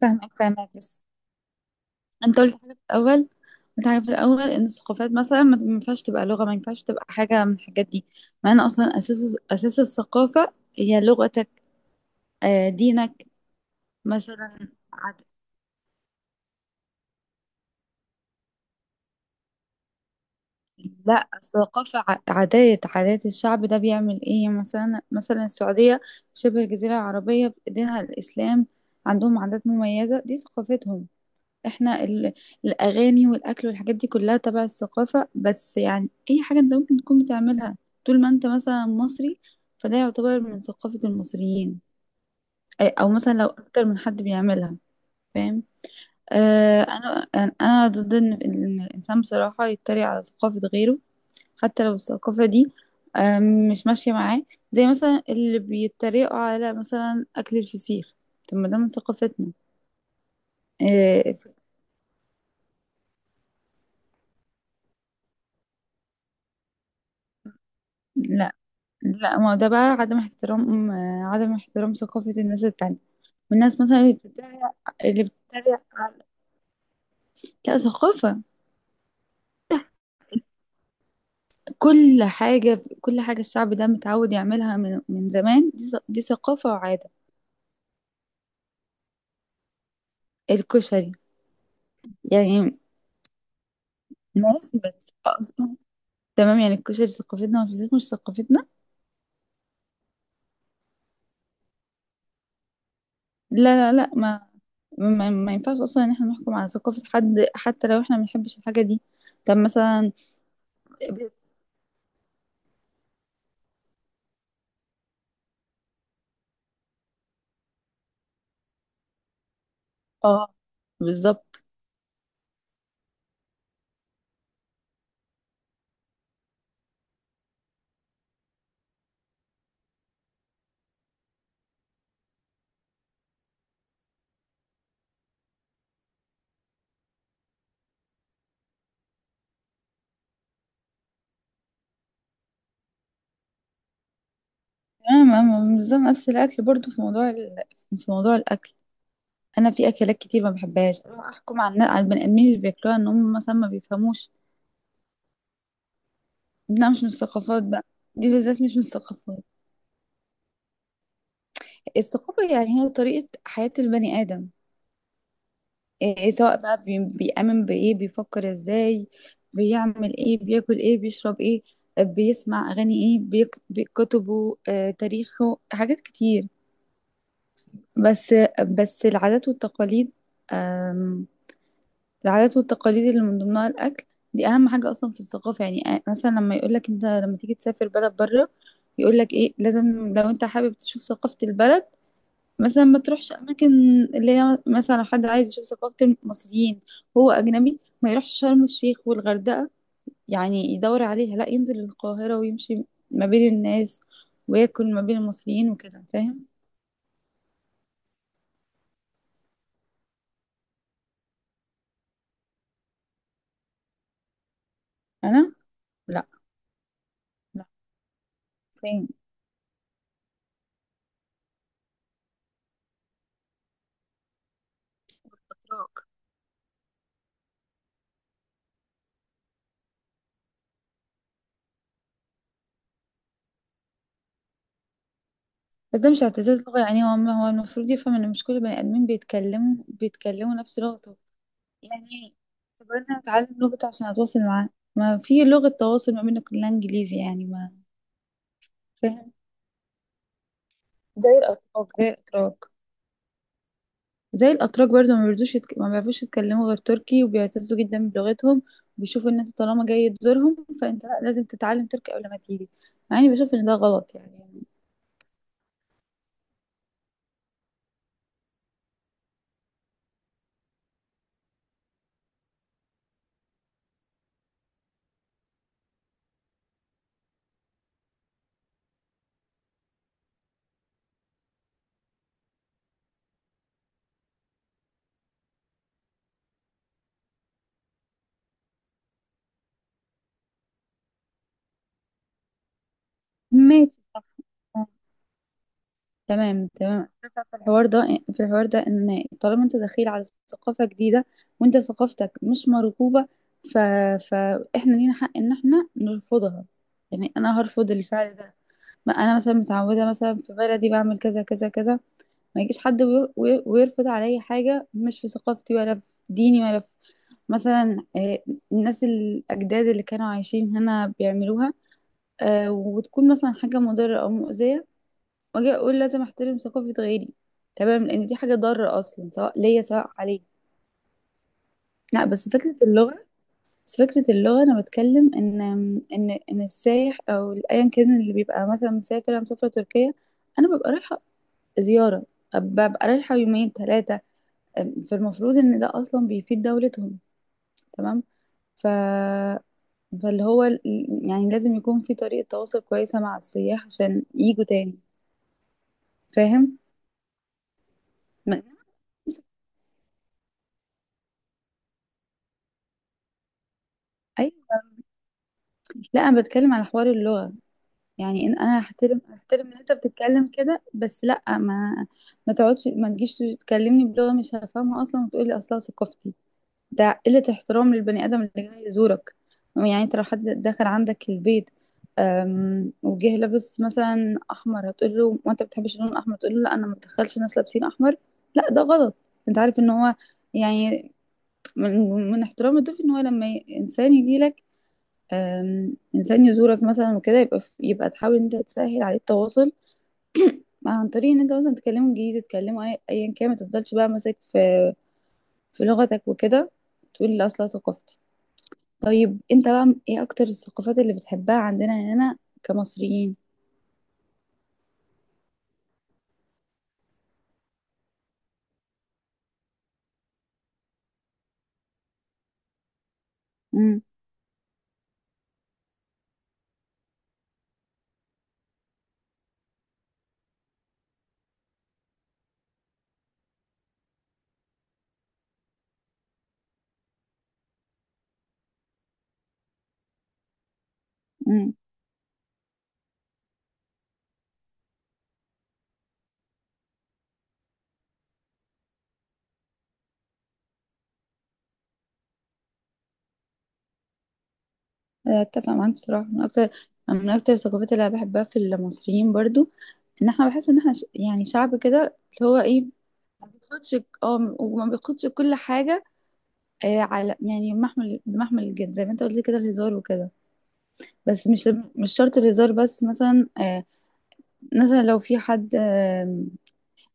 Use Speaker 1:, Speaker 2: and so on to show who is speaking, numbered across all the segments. Speaker 1: فاهمك بس انت قلت حاجه في الاول. ان الثقافات مثلا ما ينفعش تبقى لغه، ما ينفعش تبقى حاجه من الحاجات دي، مع ان اصلا اساس الثقافه هي لغتك، دينك مثلا. لا الثقافه عادات الشعب ده بيعمل ايه. مثلا السعوديه، شبه الجزيره العربيه، دينها الاسلام، عندهم عادات مميزه، دي ثقافتهم. احنا ال... الاغاني والاكل والحاجات دي كلها تبع الثقافه. بس اي حاجه انت ممكن تكون بتعملها طول ما انت مثلا مصري، فده يعتبر من ثقافه المصريين. او مثلا لو اكتر من حد بيعملها، فاهم. آه انا انا أنا ضد ان الانسان بصراحه يتريق على ثقافه غيره، حتى لو الثقافه دي آه مش ماشيه معاه. زي مثلا اللي بيتريقوا على مثلا اكل الفسيخ. طب ما ده من ثقافتنا. آه. لا لا ما هو ده بقى عدم احترام، عدم احترام ثقافة الناس التانية. والناس مثلا اللي بتتريق، اللي بتتريق على، لا ثقافة. كل حاجة الشعب ده متعود يعملها من زمان، دي ثقافة وعادة. الكشري يعني. ناس بس أصلاً. تمام، يعني الكشري ثقافتنا والفسيخ مش ثقافتنا. لا ما، ما ينفعش اصلا ان احنا نحكم على ثقافة حد حتى لو احنا ما بنحبش الحاجة دي. طب مثلا. اه. بالظبط. تمام، أنا بالظبط نفس الاكل برضو. في موضوع الاكل، انا في اكلات كتير ما بحبهاش اروح احكم على على البني ادمين اللي بياكلوها ان هم مثلا ما بيفهموش انها مش من الثقافات بقى. دي بالذات مش من الثقافات. الثقافه يعني هي طريقه حياه البني ادم. إيه إيه، سواء بقى بيامن بايه، بيفكر ازاي، بيعمل ايه، بياكل ايه، بيشرب ايه، بيسمع اغاني ايه، بكتبه، تاريخه، حاجات كتير. بس بس العادات والتقاليد، العادات والتقاليد اللي من ضمنها الأكل، دي أهم حاجة أصلا في الثقافة. مثلا لما يقولك أنت لما تيجي تسافر بلد بره، يقولك إيه لازم لو أنت حابب تشوف ثقافة البلد مثلا ما تروحش أماكن اللي هي مثلا. لو حد عايز يشوف ثقافة المصريين، هو أجنبي، ما يروحش شرم الشيخ والغردقة يعني يدور عليها، لا ينزل القاهرة ويمشي ما بين الناس وياكل ما بين المصريين وكده، فاهم. أنا؟ لا. لا، فاهم. بس ده مش اعتزاز لغة، يعني هو المفروض يفهم ان مش كل بني ادمين بيتكلموا نفس لغته. يعني طب انا اتعلم لغة عشان اتواصل معاه. ما في لغة تواصل ما بيننا كلها انجليزي يعني ما. فاهم. زي الاتراك زي الاتراك زي الاتراك برضه ما بيردوش ما بيعرفوش يتكلموا غير تركي، وبيعتزوا جدا بلغتهم. بيشوفوا ان انت طالما جاي تزورهم، فانت لا لازم تتعلم تركي قبل ما تيجي. يعني بشوف ان ده غلط يعني. ماشي. صح. تمام أنا في الحوار ده، ان طالما انت دخيل على ثقافة جديدة، وانت ثقافتك مش مرغوبة، ف... فاحنا لينا حق ان احنا نرفضها. يعني انا هرفض الفعل ده. ما انا مثلا متعودة مثلا في بلدي بعمل كذا كذا كذا. ما يجيش حد ويرفض عليا حاجة مش في ثقافتي ولا في ديني ولا في مثلا. الناس الأجداد اللي كانوا عايشين هنا بيعملوها، وتكون مثلا حاجة مضرة أو مؤذية، واجي اقول لازم احترم ثقافة غيري. تمام، لان دي حاجة ضارة اصلا سواء ليا سواء عليا. لا بس فكرة اللغة، انا بتكلم ان السايح او ايا كان اللي بيبقى مثلا مسافر، انا مسافرة تركيا، انا ببقى رايحة زيارة، ببقى رايحة يومين ثلاثة، فالمفروض ان ده اصلا بيفيد دولتهم. تمام. ف، فاللي هو ال- يعني لازم يكون في طريقة تواصل كويسة مع السياح عشان يجوا تاني. فاهم. ما- اي، لا انا بتكلم على حوار اللغة. يعني إن انا هحترم ان انت بتتكلم كده، بس لا ما، ما تقعدش ما تجيش تكلمني بلغة مش هفهمها اصلا وتقول لي اصلها ثقافتي. ده قلة احترام للبني ادم اللي جاي يزورك. يعني انت لو حد دخل عندك البيت، وجه لابس مثلا احمر، هتقول له وانت بتحبش اللون الاحمر، تقول له لا انا ما بدخلش ناس لابسين احمر. لا ده غلط. انت عارف ان هو يعني من احترام الضيف ان هو انسان يجي لك، انسان يزورك مثلا وكده، يبقى تحاول ان انت تسهل عليه التواصل عن طريق ان انت مثلا تكلمه انجليزي، تكلمه ايا كان. ما تفضلش بقى ماسك في لغتك وكده، تقول لا اصلا ثقافتي. طيب انت بقى ايه اكتر الثقافات اللي بتحبها عندنا هنا كمصريين. امم. امم. اتفق معاك بصراحه، من اكتر الثقافات اللي انا بحبها في المصريين برضو، ان احنا بحس ان احنا يعني شعب كده، اللي هو ايه، ما بياخدش. اه، وما بياخدش كل حاجه على يعني محمل، بمحمل الجد، زي ما انت قلت لي كده الهزار وكده. بس مش، مش شرط الهزار، بس مثلا، مثلا لو في حد،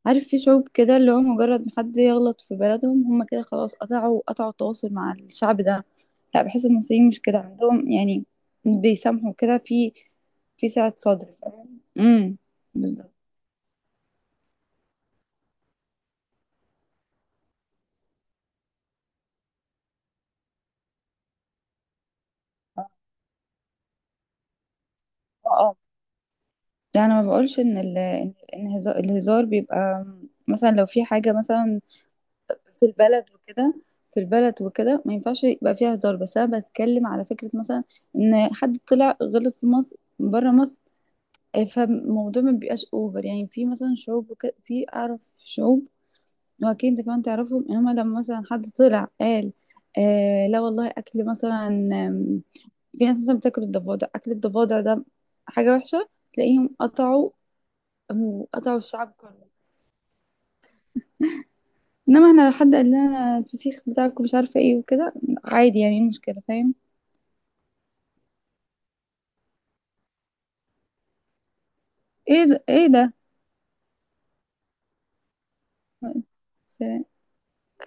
Speaker 1: عارف في شعوب كده اللي هو مجرد ما حد يغلط في بلدهم هم كده خلاص، قطعوا التواصل مع الشعب ده. لا بحس المصريين مش كده عندهم يعني، بيسامحوا كده في، في سعة صدر. فاهم. امم. بالظبط. اه. اه، ده انا ما بقولش ان الهزار بيبقى مثلا لو في حاجة مثلا في البلد وكده في البلد وكده ما ينفعش يبقى فيها هزار. بس انا بتكلم على فكره مثلا ان حد طلع غلط في مصر بره مصر، فالموضوع ما بيبقاش اوفر. يعني في مثلا شعوب وكده، في اعرف شعوب واكيد انت كمان تعرفهم، ان هما لما مثلا حد طلع قال لا والله اكل مثلا، في ناس مثلا بتاكل الضفادع، اكل الضفادع ده حاجه وحشه، تلاقيهم قطعوا الشعب كله. انما احنا لو حد قال لنا الفسيخ بتاعكم مش عارفه ايه وكده، عادي يعني إيه المشكله. فاهم. ايه ده. سلام.